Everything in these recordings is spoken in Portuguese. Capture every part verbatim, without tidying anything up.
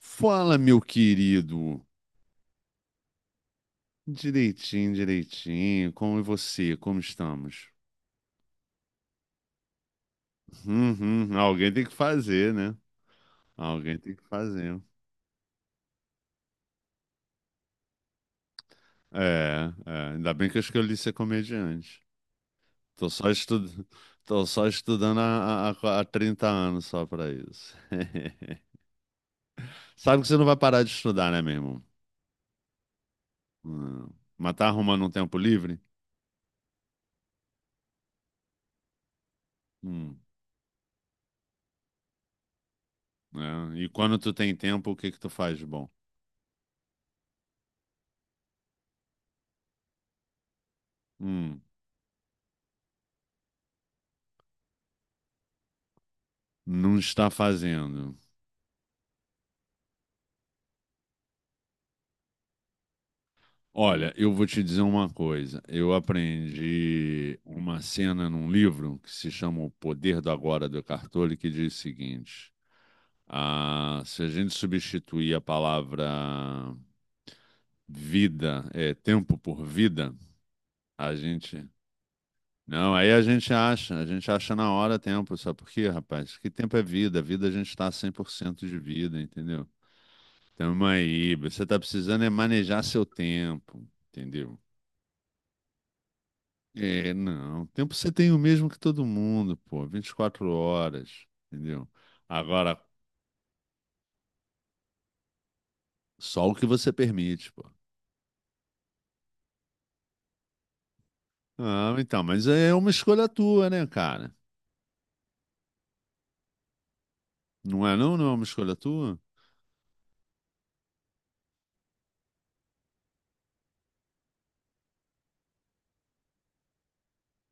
Fala, meu querido. Direitinho, direitinho. Como é você? Como estamos? Uhum. Alguém tem que fazer, né? Alguém tem que fazer. É, é. Ainda bem que eu escolhi ser comediante. Tô só estu- Tô só estudando há, há, há trinta anos só pra isso. Sabe que você não vai parar de estudar, né, meu irmão? Hum. Mas tá arrumando um tempo livre? Hum. É. E quando tu tem tempo, o que que tu faz de bom? Hum. Não está fazendo. Olha, eu vou te dizer uma coisa. Eu aprendi uma cena num livro que se chama O Poder do Agora, do Eckhart Tolle, que diz o seguinte: ah, se a gente substituir a palavra vida, é, tempo por vida, a gente. Não, aí a gente acha, a gente acha na hora tempo, sabe por quê, rapaz? Que tempo é vida, vida a gente está cem por cento de vida, entendeu? Tamo aí, você tá precisando é manejar seu tempo, entendeu? É, não. O tempo você tem o mesmo que todo mundo, pô. Vinte e quatro horas, entendeu? Agora, só o que você permite, pô. Ah, então, mas é uma escolha tua, né, cara? Não é não? Não é uma escolha tua?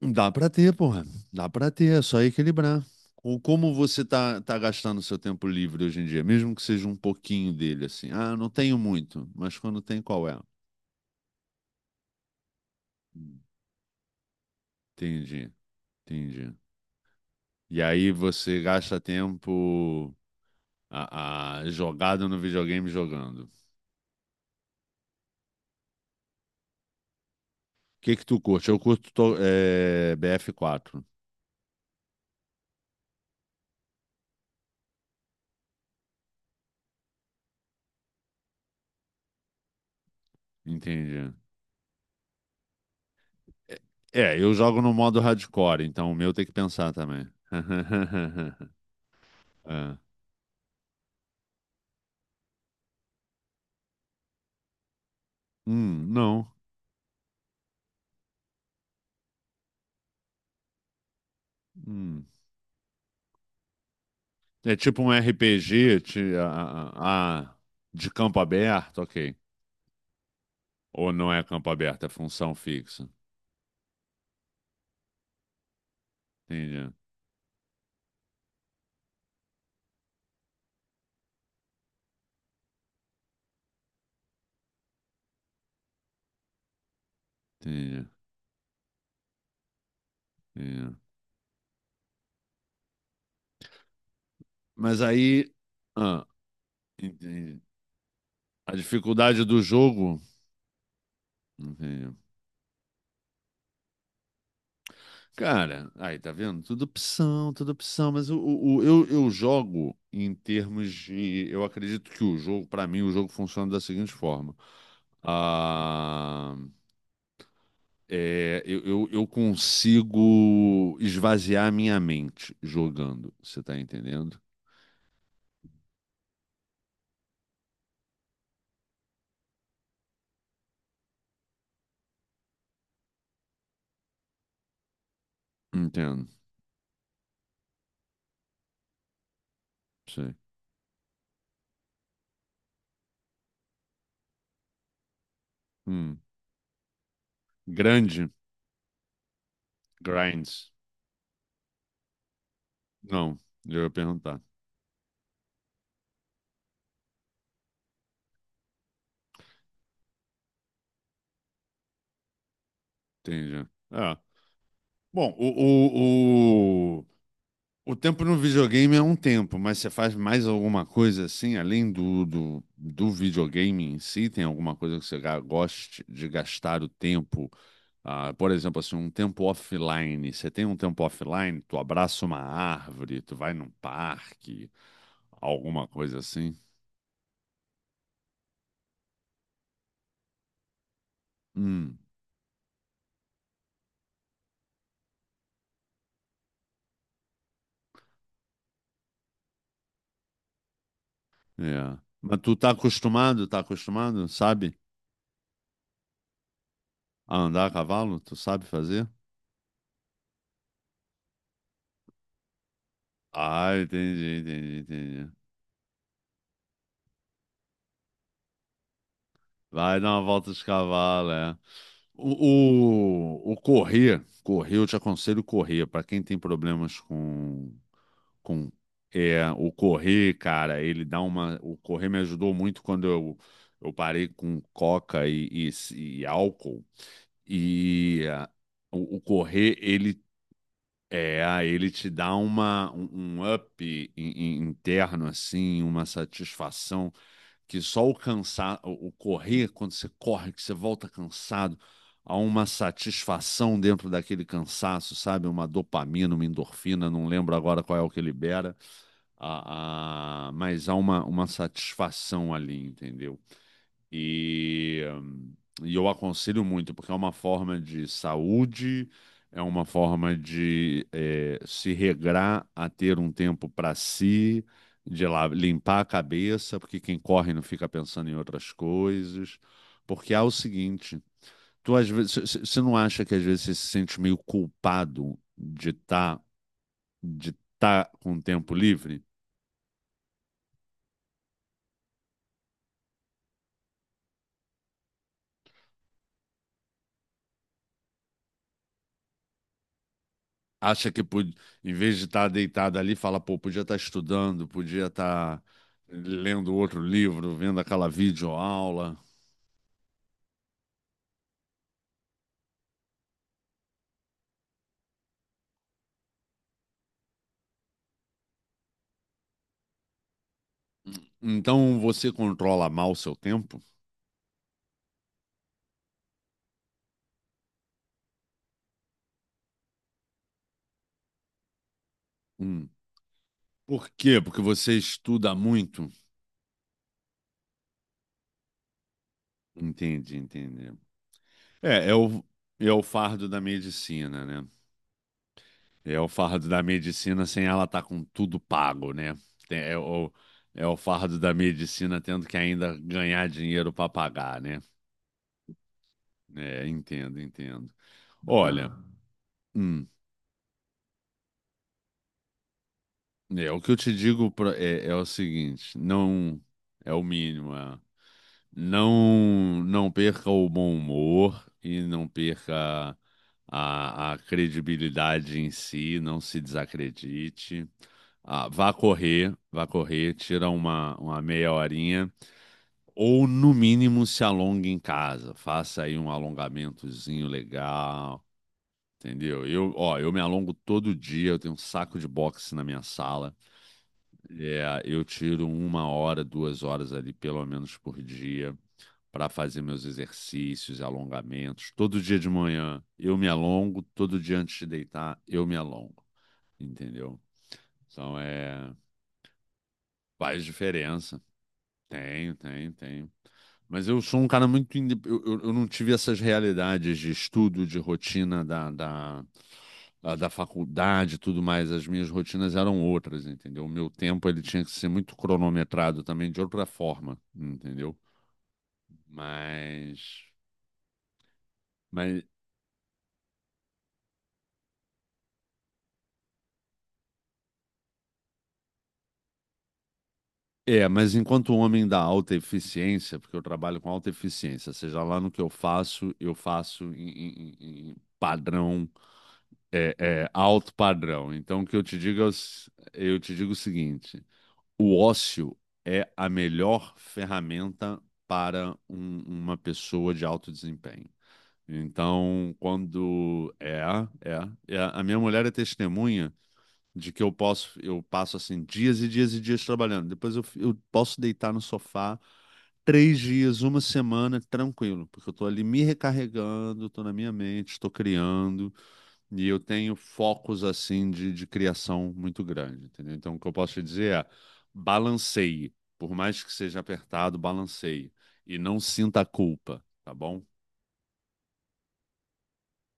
Dá pra ter, porra. Dá pra ter, é só equilibrar. Ou como você tá, tá gastando seu tempo livre hoje em dia, mesmo que seja um pouquinho dele, assim. Ah, não tenho muito, mas quando tem, qual é? Entendi, entendi. E aí você gasta tempo. A, a jogada no videogame jogando. O que que tu curte? Eu curto to- é, B F quatro, entendi. É, é, eu jogo no modo hardcore, então o meu tem que pensar também. É. Hum, não. Hum. É tipo um R P G, ti- ah, ah, ah, de campo aberto, ok. Ou não é campo aberto, é função fixa. Entendi, entendi, entendi. Mas aí, ah, entendi. A dificuldade do jogo, entendi. Cara, aí tá vendo? Tudo opção, tudo opção, mas o, o, o- eu, eu jogo em termos de. Eu acredito que o jogo, pra mim, o jogo funciona da seguinte forma. Ah, é, eu, eu, eu consigo esvaziar minha mente jogando, você tá entendendo? Entendo, sei. Hum. Grande, grinds. Não, eu ia perguntar. Entendi. Ah, bom, o, o, o tempo no videogame é um tempo, mas você faz mais alguma coisa assim, além do, do, do videogame em si? Tem alguma coisa que você ga- goste de gastar o tempo? Ah, por exemplo, assim, um tempo offline. Você tem um tempo offline? Tu abraça uma árvore, tu vai num parque, alguma coisa assim? Hum, é. Mas tu tá acostumado, tá acostumado, sabe? A andar a cavalo? Tu sabe fazer? Ah, entendi, entendi, entendi. Vai dar uma volta de cavalo, é. O, o, o correr, correr, eu te aconselho correr. Para quem tem problemas com, com é, o correr, cara, ele dá uma. O correr me ajudou muito quando eu, eu parei com coca e, e, e álcool. E ah, o, o correr, ele é, ele te dá uma, um, um up in- in- interno, assim, uma satisfação que só o cansar, o correr, quando você corre, que você volta cansado, há uma satisfação dentro daquele cansaço, sabe? Uma dopamina, uma endorfina, não lembro agora qual é o que libera, a, a- mas há uma, uma satisfação ali, entendeu? E, hum, e eu aconselho muito, porque é uma forma de saúde, é uma forma de eh, se regrar a ter um tempo para si, de lá limpar a cabeça, porque quem corre não fica pensando em outras coisas. Porque há o seguinte, tu às vezes, você não acha que às vezes você se sente meio culpado de estar de tá com o tempo livre? acha que pod- Em vez de estar deitado ali, fala, pô, podia estar estudando, podia estar lendo outro livro, vendo aquela videoaula. Então você controla mal o seu tempo? Hum. Por quê? Porque você estuda muito? Entendi, entendi. É, é o, é o fardo da medicina, né? É o fardo da medicina sem ela estar com tudo pago, né? Tem- É o, é o fardo da medicina tendo que ainda ganhar dinheiro para pagar, né? É, entendo, entendo. Olha, hum, é o que eu te digo pra- é, é o seguinte, não é o mínimo, é, não não perca o bom humor e não perca a, a credibilidade em si, não se desacredite. Ah, vá correr, vá correr, tira uma, uma meia horinha ou no mínimo se alongue em casa, faça aí um alongamentozinho legal. Entendeu? Eu, ó, eu me alongo todo dia, eu tenho um saco de boxe na minha sala. É, eu tiro uma hora, duas horas ali, pelo menos por dia, para fazer meus exercícios, alongamentos. Todo dia de manhã eu me alongo, todo dia antes de deitar eu me alongo, entendeu? Então é, faz diferença. Tenho, tenho, tenho. Mas eu sou um cara muito. inde- Eu, eu, eu não tive essas realidades de estudo, de rotina da, da, da da faculdade e tudo mais. As minhas rotinas eram outras, entendeu? O meu tempo ele tinha que ser muito cronometrado também de outra forma, entendeu? Mas, mas é, mas enquanto um homem da alta eficiência, porque eu trabalho com alta eficiência, seja lá no que eu faço, eu faço em, em- em- em padrão é, é, alto padrão. Então, o que eu te digo é o s- eu te digo o seguinte: o ócio é a melhor ferramenta para um- uma pessoa de alto desempenho. Então, quando é, é, é, a minha mulher é testemunha de que eu posso, eu passo assim dias e dias e dias trabalhando. Depois eu, f- eu posso deitar no sofá três dias, uma semana, tranquilo, porque eu estou ali me recarregando, estou na minha mente, estou criando. E eu tenho focos assim de, de criação muito grande, entendeu? Então, o que eu posso te dizer é balanceie. Por mais que seja apertado, balanceie. E não sinta culpa, tá bom?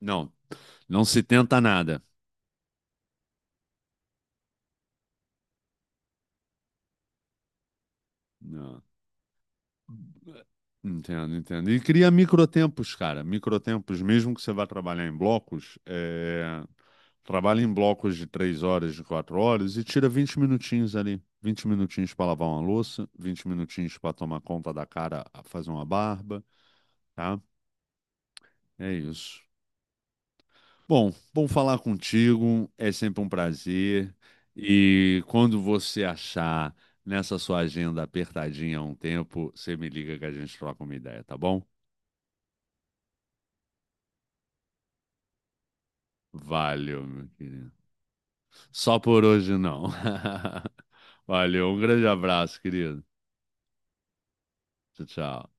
Não, não se tenta nada. Não, entendo, entendo. E cria microtempos, cara. Microtempos, mesmo que você vá trabalhar em blocos, é... trabalha em blocos de três horas, de quatro horas e tira vinte minutinhos ali. Vinte minutinhos para lavar uma louça, vinte minutinhos para tomar conta da cara, fazer uma barba. Tá? É isso. Bom, bom falar contigo, é sempre um prazer. E quando você achar nessa sua agenda apertadinha um tempo, você me liga que a gente troca uma ideia, tá bom? Valeu, meu querido. Só por hoje não. Valeu, um grande abraço, querido. Tchau, tchau.